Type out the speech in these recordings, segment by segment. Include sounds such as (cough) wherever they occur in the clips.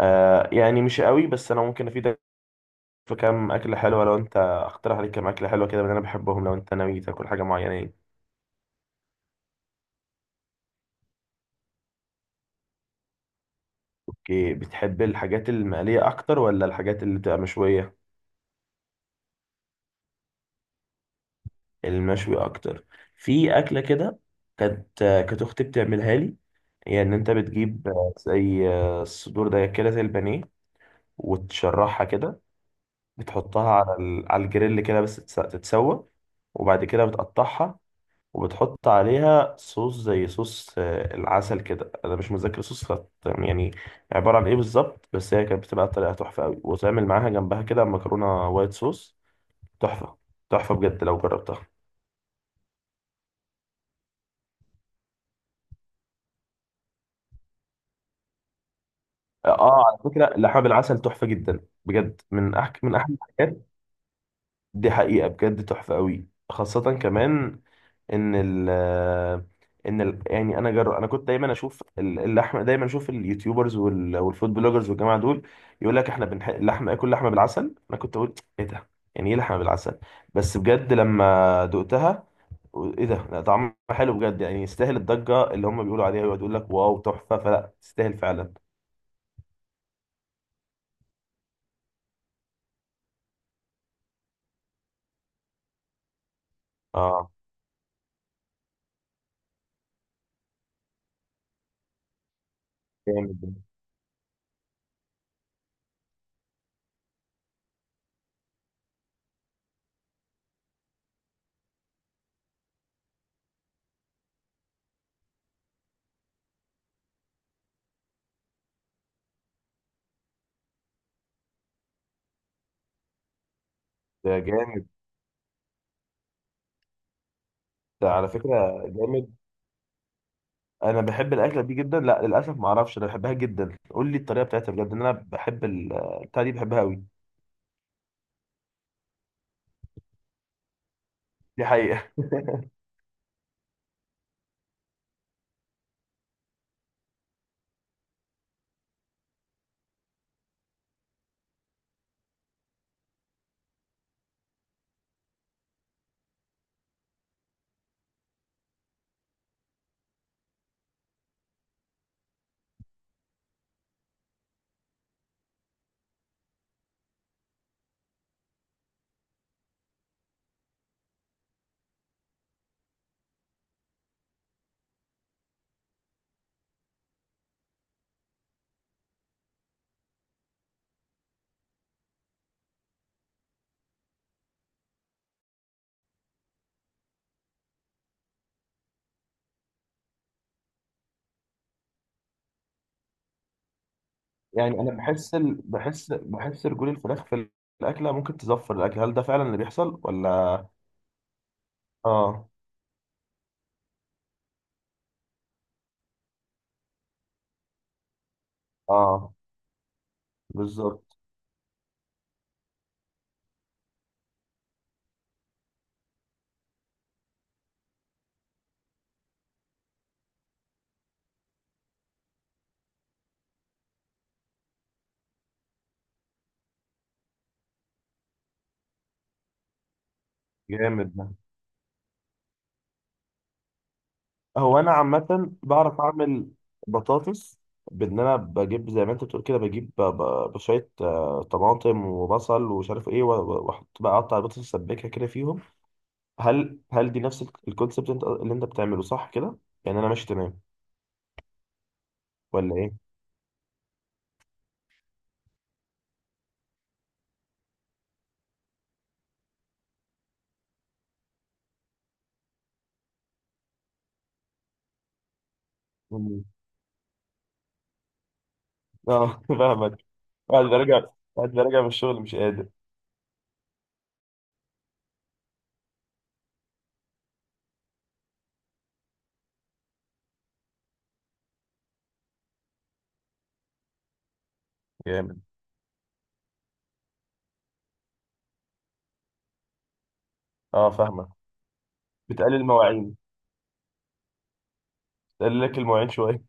آه، يعني مش قوي بس انا ممكن افيدك في كام اكله حلوه. لو انت اقترح عليك كام اكله حلوه كده من اللي انا بحبهم لو انت ناوي تاكل حاجه معينه يعني. اوكي، بتحب الحاجات المقليه اكتر ولا الحاجات اللي بتبقى مشويه؟ المشوي اكتر. في اكله كده كانت، كانت اختي بتعملها لي. يعني ان انت بتجيب زي الصدور ده كده زي البانيه وتشرحها كده. بتحطها على على الجريل كده بس تتسوى، وبعد كده بتقطعها. وبتحط عليها صوص زي صوص العسل كده. انا مش متذكر صوص خط يعني عباره عن ايه بالظبط، بس هي كانت بتبقى طريقه تحفه قوي، وتعمل معاها جنبها كده مكرونه وايت صوص. تحفه. تحفه بجد لو جربتها. اه، على فكره لحم بالعسل تحفه جدا. بجد من احلى الحاجات. دي حقيقة بجد، تحفة قوي، خاصة كمان ان ال ان ال يعني انا جر... انا كنت دايما اشوف اللحمه، دايما اشوف اليوتيوبرز والفود بلوجرز والجماعه دول يقول لك احنا لحمه، اكل لحمه بالعسل. انا كنت اقول ايه ده، يعني ايه لحمه بالعسل؟ بس بجد لما دقتها ايه ده، لا طعمها حلو بجد. يعني يستاهل الضجه اللي هم بيقولوا عليها ويقعدوا يقول لك واو تحفه، فلا تستاهل فعلا. اه جامد ده. جامد ده، على فكره، جامد. انا بحب الاكله دي جدا. لا للاسف ما اعرفش، انا بحبها جدا، قول لي الطريقه بتاعتها بجد. ان انا بحب البتاعه دي، بحبها قوي. دي حقيقه (laughs) يعني انا بحس ال... بحس بحس رجول الفراخ في الاكله ممكن تزفر الاكل، هل ده فعلا اللي بيحصل ولا؟ اه، اه، بالظبط. جامد ده. هو انا عامه بعرف اعمل بطاطس، بان انا بجيب زي ما انت بتقول كده، بجيب بشويه طماطم وبصل ومش عارف ايه، واحط بقى اقطع البطاطس اسبكها كده فيهم. هل دي نفس الكونسبت اللي انت بتعمله صح كده؟ يعني انا ماشي تمام ولا ايه؟ مم. اه (laughs) فاهمك. بعد ما راجع بعد ما راجع من الشغل مش قادر. جامد. اه فاهمك. بتقلل مواعين، بتقلل لك المواعين شويه.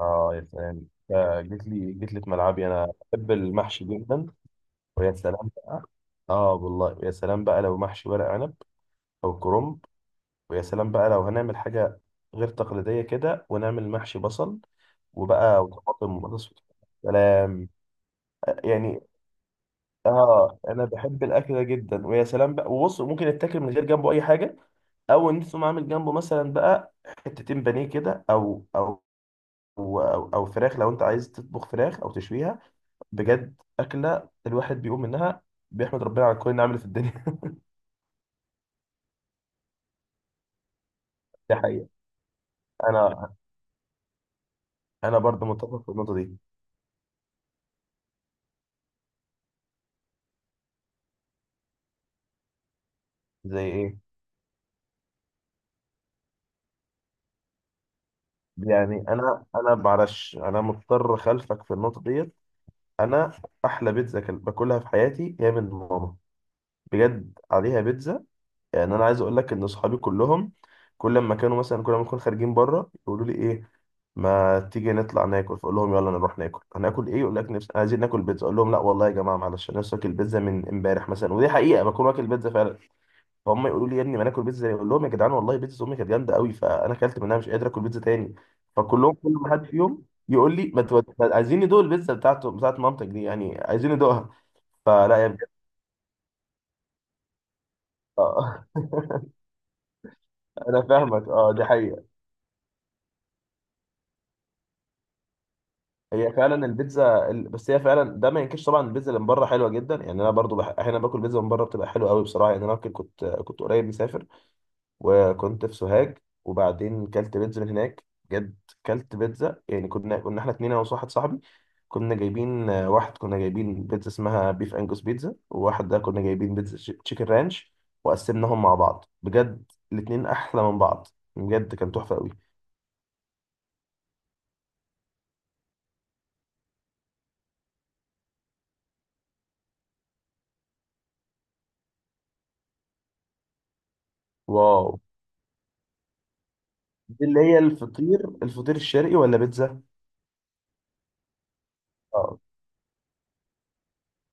اه يا سلام، جيت لي جيت لي في ملعبي، انا بحب المحشي جدا. ويا سلام بقى. اه والله، يا سلام بقى لو محشي ورق عنب او كرنب. ويا سلام بقى لو هنعمل حاجه غير تقليديه كده، ونعمل محشي بصل وبقى وطماطم وبطاطس، سلام. يعني اه، انا بحب الاكل ده جدا، ويا سلام بقى. وبص، ممكن يتاكل من غير جنبه اي حاجه، او ان انت تقوم عامل جنبه مثلا بقى حتتين بانيه كده، او فراخ لو انت عايز تطبخ فراخ او تشويها. بجد اكله الواحد بيقوم منها بيحمد ربنا على كل نعمه في الدنيا (laughs) دي حقيقه. انا انا برضه متفق في النقطه دي. زي ايه؟ يعني انا معلش، انا مضطر خلفك في النقطه ديت. انا احلى بيتزا باكلها في حياتي هي من ماما، بجد عليها بيتزا. يعني انا عايز اقول لك ان اصحابي كلهم كل ما كانوا مثلا، كل ما نكون خارجين بره يقولوا لي ايه، ما تيجي نطلع ناكل، فاقول لهم يلا نروح ناكل. هناكل ايه؟ يقول لك نفسي، عايزين ناكل بيتزا. اقول لهم لا والله يا جماعه معلش، انا نفسي اكل بيتزا من امبارح مثلا، ودي حقيقه بكون واكل بيتزا فعلا. فهم يقولوا لي يا ابني ما ناكل بيتزا، اقول لهم يا جدعان والله بيتزا امي كانت جامده قوي، فانا اكلت منها مش قادر اكل بيتزا تاني. فكلهم كل ما حد فيهم يقول لي ما تود... ما- عايزين ندوق البيتزا بتاعته، بتاعت مامتك دي يعني، عايزين ندوقها. فلا يا بجد (laughs) آه. انا فاهمك، اه، دي حقيقه. هي فعلا البيتزا بس هي فعلا ده ما ينكرش طبعا، البيتزا اللي من بره حلوه جدا. يعني انا برضو احيانا باكل بيتزا من بره بتبقى حلوه قوي بصراحه. يعني انا كنت قريب مسافر، وكنت في سوهاج، وبعدين كلت بيتزا من هناك، بجد. كلت بيتزا يعني، كنا احنا اتنين انا وواحد صاحبي، كنا جايبين واحد كنا جايبين بيتزا اسمها بيف انجوس بيتزا، وواحد ده كنا جايبين بيتزا تشيكن رانش، وقسمناهم مع بعض. بجد الاتنين احلى من بعض، بجد كان تحفه قوي. واو. دي اللي هي الفطير الشرقي ولا بيتزا؟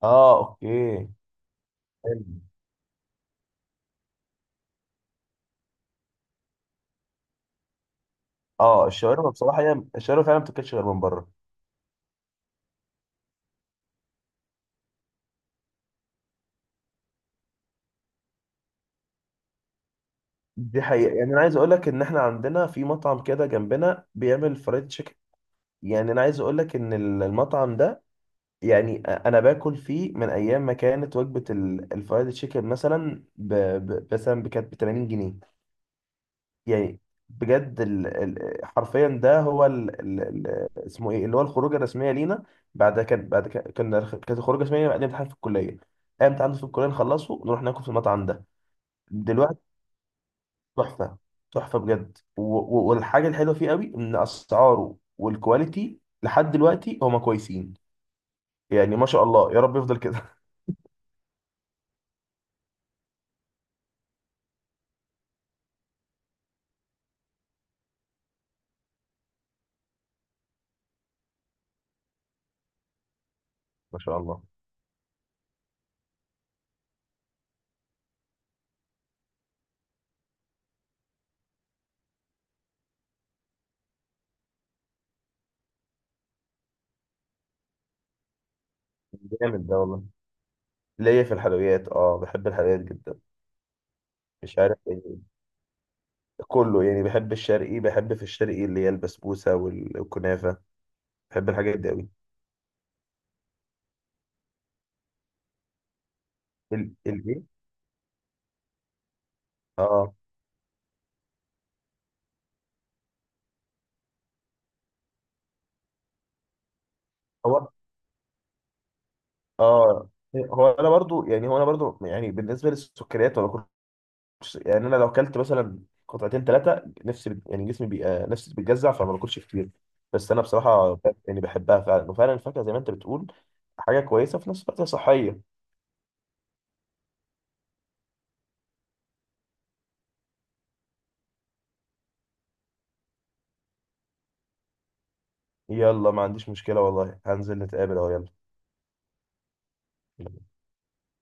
اه اوكي. حلو. اه الشاورما بصراحه، هي الشاورما فعلا ما بتاكلش غير من بره. دي حقيقه. يعني انا عايز اقول لك ان احنا عندنا في مطعم كده جنبنا بيعمل فرايد تشيكن. يعني انا عايز اقول لك ان المطعم ده، يعني انا باكل فيه من ايام ما كانت وجبه الفرايد تشيكن مثلا مثلا كانت ب 80 جنيه. يعني بجد حرفيا ده هو اسمه ايه، اللي هو الخروجه الرسميه لينا. كانت الخروجه الرسميه بعد امتحان في الكليه، اي امتحان في الكليه نخلصه نروح ناكل في المطعم ده دلوقتي. تحفه. تحفه بجد، والحاجه الحلوه فيه قوي ان اسعاره والكواليتي لحد دلوقتي هما كويسين، يعني ما شاء الله يا رب يفضل كده (laughs) ما شاء الله. جامد ده والله. ليا في الحلويات اه، بحب الحلويات جدا. مش عارف، كله يعني، بحب الشرقي، بحب في الشرقي اللي هي البسبوسة والكنافة، بحب الحاجات دي قوي. الايه؟ اه. هو اه هو انا برضو يعني بالنسبة للسكريات، ولا كنتش يعني، انا لو اكلت مثلا قطعتين ثلاثة نفسي يعني جسمي بيبقى نفسي بتجزع، فما باكلش كتير. بس انا بصراحة يعني بحبها فعلا، وفعلا الفاكهة زي ما انت بتقول حاجة كويسة في نفس الوقت، هي صحية. يلا ما عنديش مشكلة والله، هنزل نتقابل اهو، يلا.